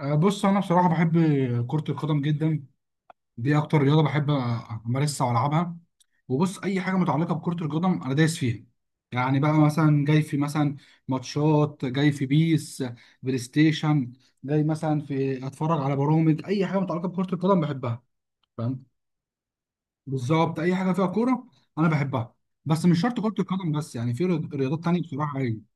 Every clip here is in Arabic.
بص انا بصراحه بحب كره القدم جدا. دي اكتر رياضه بحب امارسها والعبها. وبص، اي حاجه متعلقه بكره القدم انا دايس فيها. يعني بقى مثلا جاي في مثلا ماتشات، جاي في بيس بلاي ستيشن، جاي مثلا في اتفرج على برامج. اي حاجه متعلقه بكره القدم بحبها، فاهم؟ بالظبط، اي حاجه فيها كوره انا بحبها. بس مش شرط كره القدم بس، يعني في رياضات تانية بصراحه. ايوه.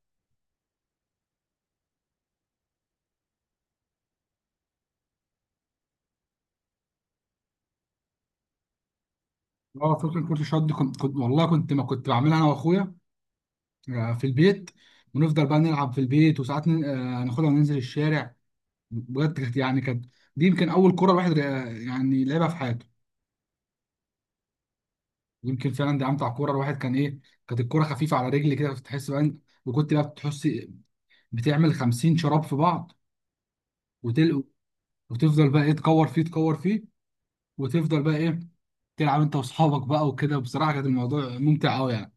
اه فكره كره الشط دي، كنت والله كنت ما كنت بعملها انا واخويا في البيت. ونفضل بقى نلعب في البيت، وساعات ناخدها وننزل الشارع. بجد كانت، يعني كانت، دي يمكن اول كوره الواحد يعني لعبها في حياته. يمكن فعلا دي امتع كوره الواحد كان ايه. كانت الكوره خفيفه على رجلي كده، بتحس بقى وكنت بقى بتحس بتعمل 50 شراب في بعض وتل... وتفضل بقى ايه، تكور فيه تكور فيه، وتفضل بقى ايه تلعب انت واصحابك بقى وكده. بصراحه كان الموضوع ممتع قوي يعني.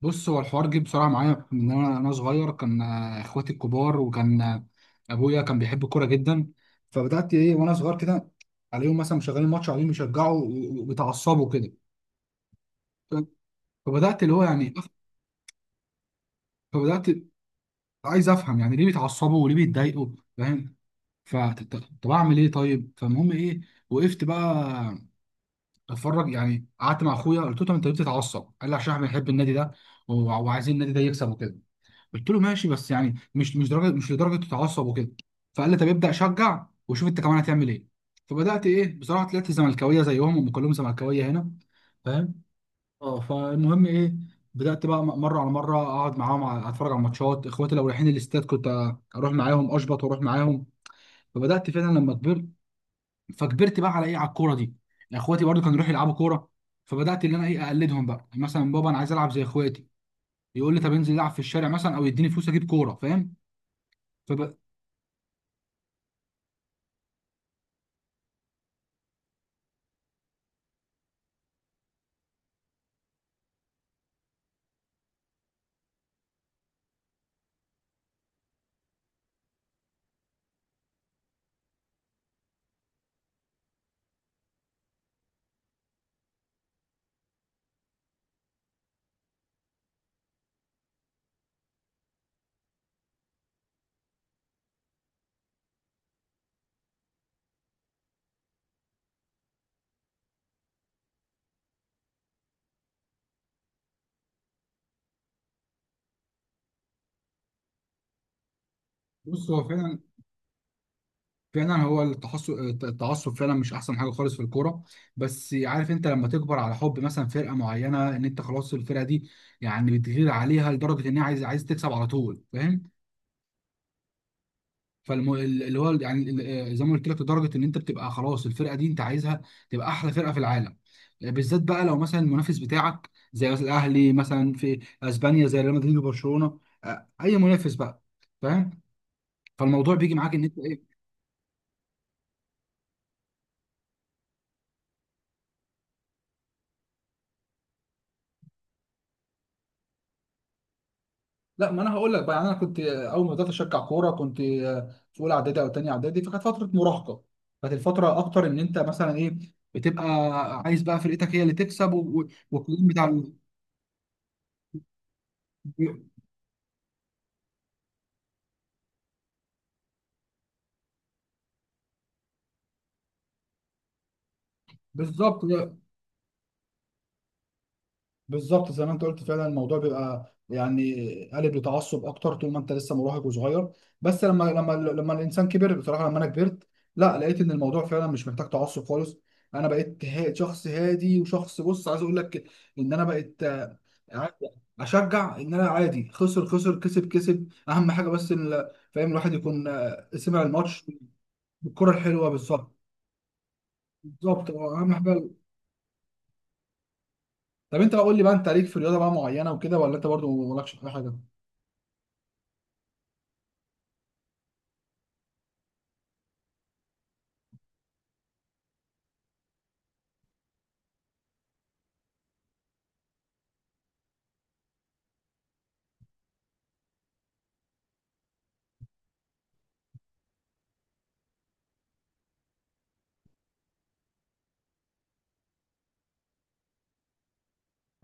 بص، هو الحوار جه بسرعه معايا. من انا صغير، كان اخواتي الكبار، وكان ابويا كان بيحب الكوره جدا. فبدات ايه، وانا صغير كده، عليهم مثلا مشغلين ماتش، عليهم يشجعوا و- و- وبيتعصبوا كده. ف- فبدات اللي هو يعني أف- فبدات عايز افهم يعني ليه بيتعصبوا وليه بيتضايقوا، فاهم؟ فطب اعمل ايه؟ طيب. فالمهم ايه، وقفت بقى اتفرج. يعني قعدت مع اخويا قلت له: طب انت ليه بتتعصب؟ قال لي: عشان احنا بنحب النادي ده، وع- وعايزين النادي ده يكسب وكده. قلت له: ماشي، بس يعني مش درجه، مش لدرجه تتعصب وكده. فقال لي: طب ابدا شجع وشوف انت كمان هتعمل ايه. فبدات ايه، بصراحه طلعت زملكاويه زيهم، هم كلهم زملكاويه هنا، فاهم؟ اه. فالمهم ايه، بدات بقى مره على مره اقعد معاهم، اتفرج على ماتشات. اخواتي لو رايحين الاستاد، كنت اروح معاهم، اشبط واروح معاهم. فبدات فعلا لما كبرت، فكبرت بقى على ايه، على الكوره دي. يعني اخواتي برضو كانوا يروحوا يلعبوا كوره، فبدات ان انا ايه، اقلدهم بقى. يعني مثلا بابا، انا عايز العب زي اخواتي. يقول لي: طب انزل العب في الشارع مثلا، او يديني فلوس اجيب كوره، فاهم؟ بص، هو فعلا فعلا هو التحصل، التعصب فعلا مش احسن حاجه خالص في الكوره. بس عارف، انت لما تكبر على حب مثلا فرقه معينه، ان انت خلاص الفرقه دي يعني بتغير عليها لدرجه ان هي عايز تكسب على طول، فاهم؟ اللي هو يعني زي ما قلت لك، لدرجه ان انت بتبقى خلاص الفرقه دي انت عايزها تبقى احلى فرقه في العالم. بالذات بقى لو مثلا المنافس بتاعك، زي مثلا الاهلي، مثلا في اسبانيا زي ريال مدريد وبرشلونه، اي منافس بقى، فاهم؟ فالموضوع بيجي معاك ان انت. لا، ما انا هقول لك بقى. يعني انا كنت اول ما بدات اشجع كوره، كنت في اولى اعدادي او تانية اعدادي، فكانت فتره مراهقه. كانت الفتره اكتر ان انت مثلا ايه، بتبقى عايز بقى فرقتك هي اللي تكسب، والقيم بتاع بالظبط. بالظبط، زي ما انت قلت فعلا الموضوع بيبقى يعني قالب لتعصب اكتر طول ما انت لسه مراهق وصغير. بس لما لما الانسان كبر، بصراحه لما انا كبرت، لا، لقيت ان الموضوع فعلا مش محتاج تعصب خالص. انا بقيت شخص هادي وشخص، بص عايز اقول لك ان انا بقيت يعني اشجع ان انا عادي، خسر خسر كسب كسب، اهم حاجه بس فاهم، الواحد يكون سمع الماتش بالكره الحلوه. بالظبط. بالظبط هو اهم حاجه. طب انت بقى قول لي بقى، انت ليك في رياضه بقى معينه وكده، ولا انت برضو مالكش في أي حاجه؟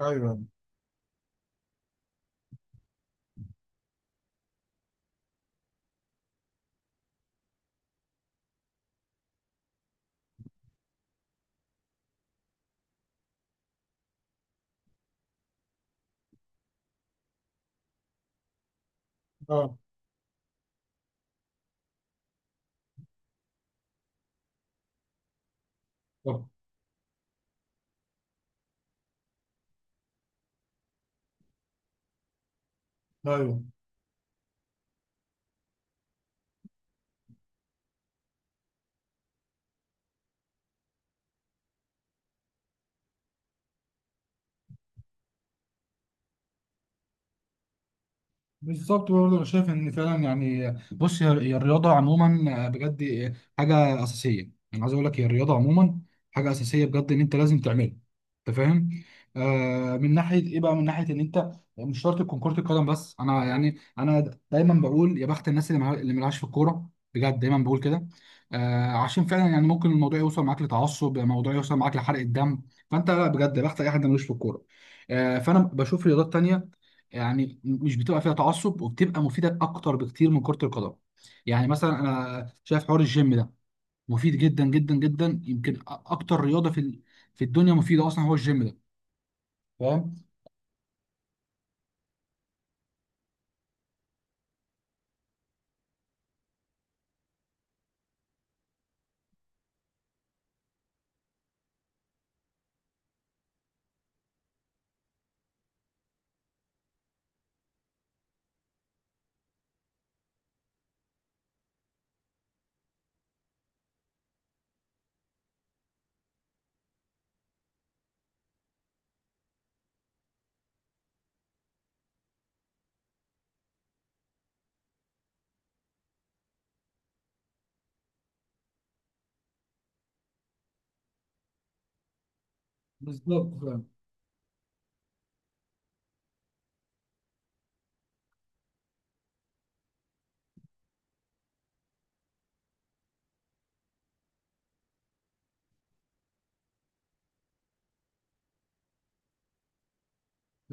ايوه. اه. طب. ايوه. بالظبط. برضه انا شايف ان فعلا يعني، بص، هي الرياضه عموما بجد حاجه اساسيه. انا عايز اقول لك، هي الرياضه عموما حاجه اساسيه بجد ان انت لازم تعملها، انت فاهم؟ من ناحيه ايه بقى، من ناحيه ان انت مش شرط تكون كره القدم بس. انا يعني انا دايما بقول يا بخت الناس اللي اللي ملهاش في الكوره، بجد دايما بقول كده. عشان فعلا يعني ممكن الموضوع يوصل معاك لتعصب، الموضوع يوصل معاك لحرق الدم. فانت لا، بجد يا بخت اي حد ملوش في الكوره. فانا بشوف رياضات تانيه يعني مش بتبقى فيها تعصب، وبتبقى مفيده اكتر بكتير من كره القدم. يعني مثلا انا شايف حوار الجيم ده مفيد جدا جدا جدا. يمكن اكتر رياضه في في الدنيا مفيده اصلا هو الجيم ده، فاهم؟ بالظبط. فاهم.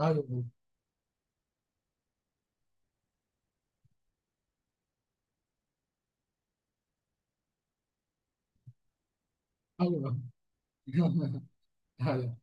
ايوه. ايوه. ايوه.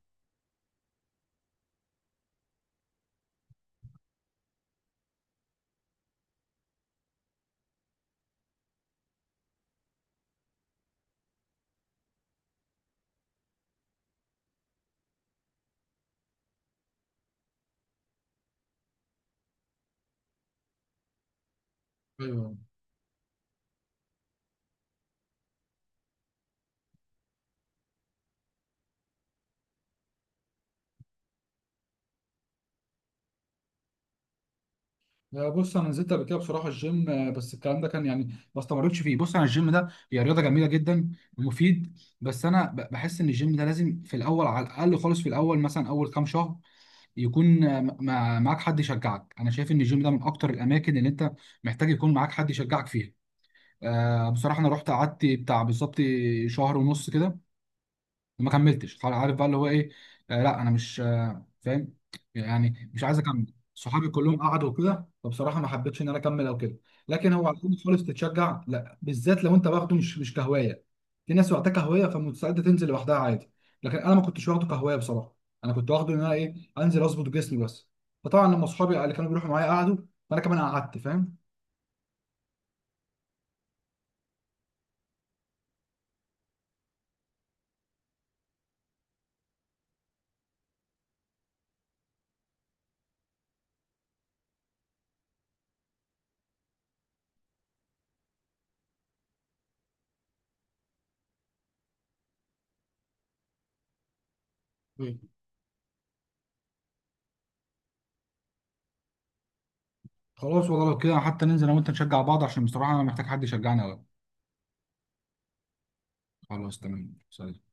ايوه. بص، انا نزلت قبل كده بصراحه الجيم، بس الكلام ده كان يعني ما استمرتش فيه. بص، انا الجيم ده هي رياضه جميله جدا ومفيد، بس انا بحس ان الجيم ده لازم في الاول، على الاقل خالص في الاول مثلا اول كام شهر، يكون معاك حد يشجعك. انا شايف ان الجيم ده من اكتر الاماكن اللي انت محتاج يكون معاك حد يشجعك فيها. بصراحة انا رحت قعدت بتاع بالظبط شهر ونص كده، ما كملتش خلاص. عارف بقى اللي هو ايه؟ لا، انا مش فاهم، يعني مش عايز اكمل. صحابي كلهم قعدوا كده، فبصراحه ما حبيتش ان انا اكمل او كده. لكن هو عشان خالص تتشجع، لا، بالذات لو انت واخده مش كهوايه. في ناس واخداه كهوايه فمستعده تنزل لوحدها عادي، لكن انا ما كنتش واخده كهوايه بصراحه. انا كنت واخده ان انا ايه، انزل اظبط جسمي بس. فطبعا لما اصحابي اللي كانوا بيروحوا معايا قعدوا، فانا كمان قعدت، فاهم؟ مم. خلاص والله لو كده حتى ننزل انا وانت نشجع بعض، عشان بصراحه انا محتاج حد يشجعني قوي. خلاص، تمام، سلام.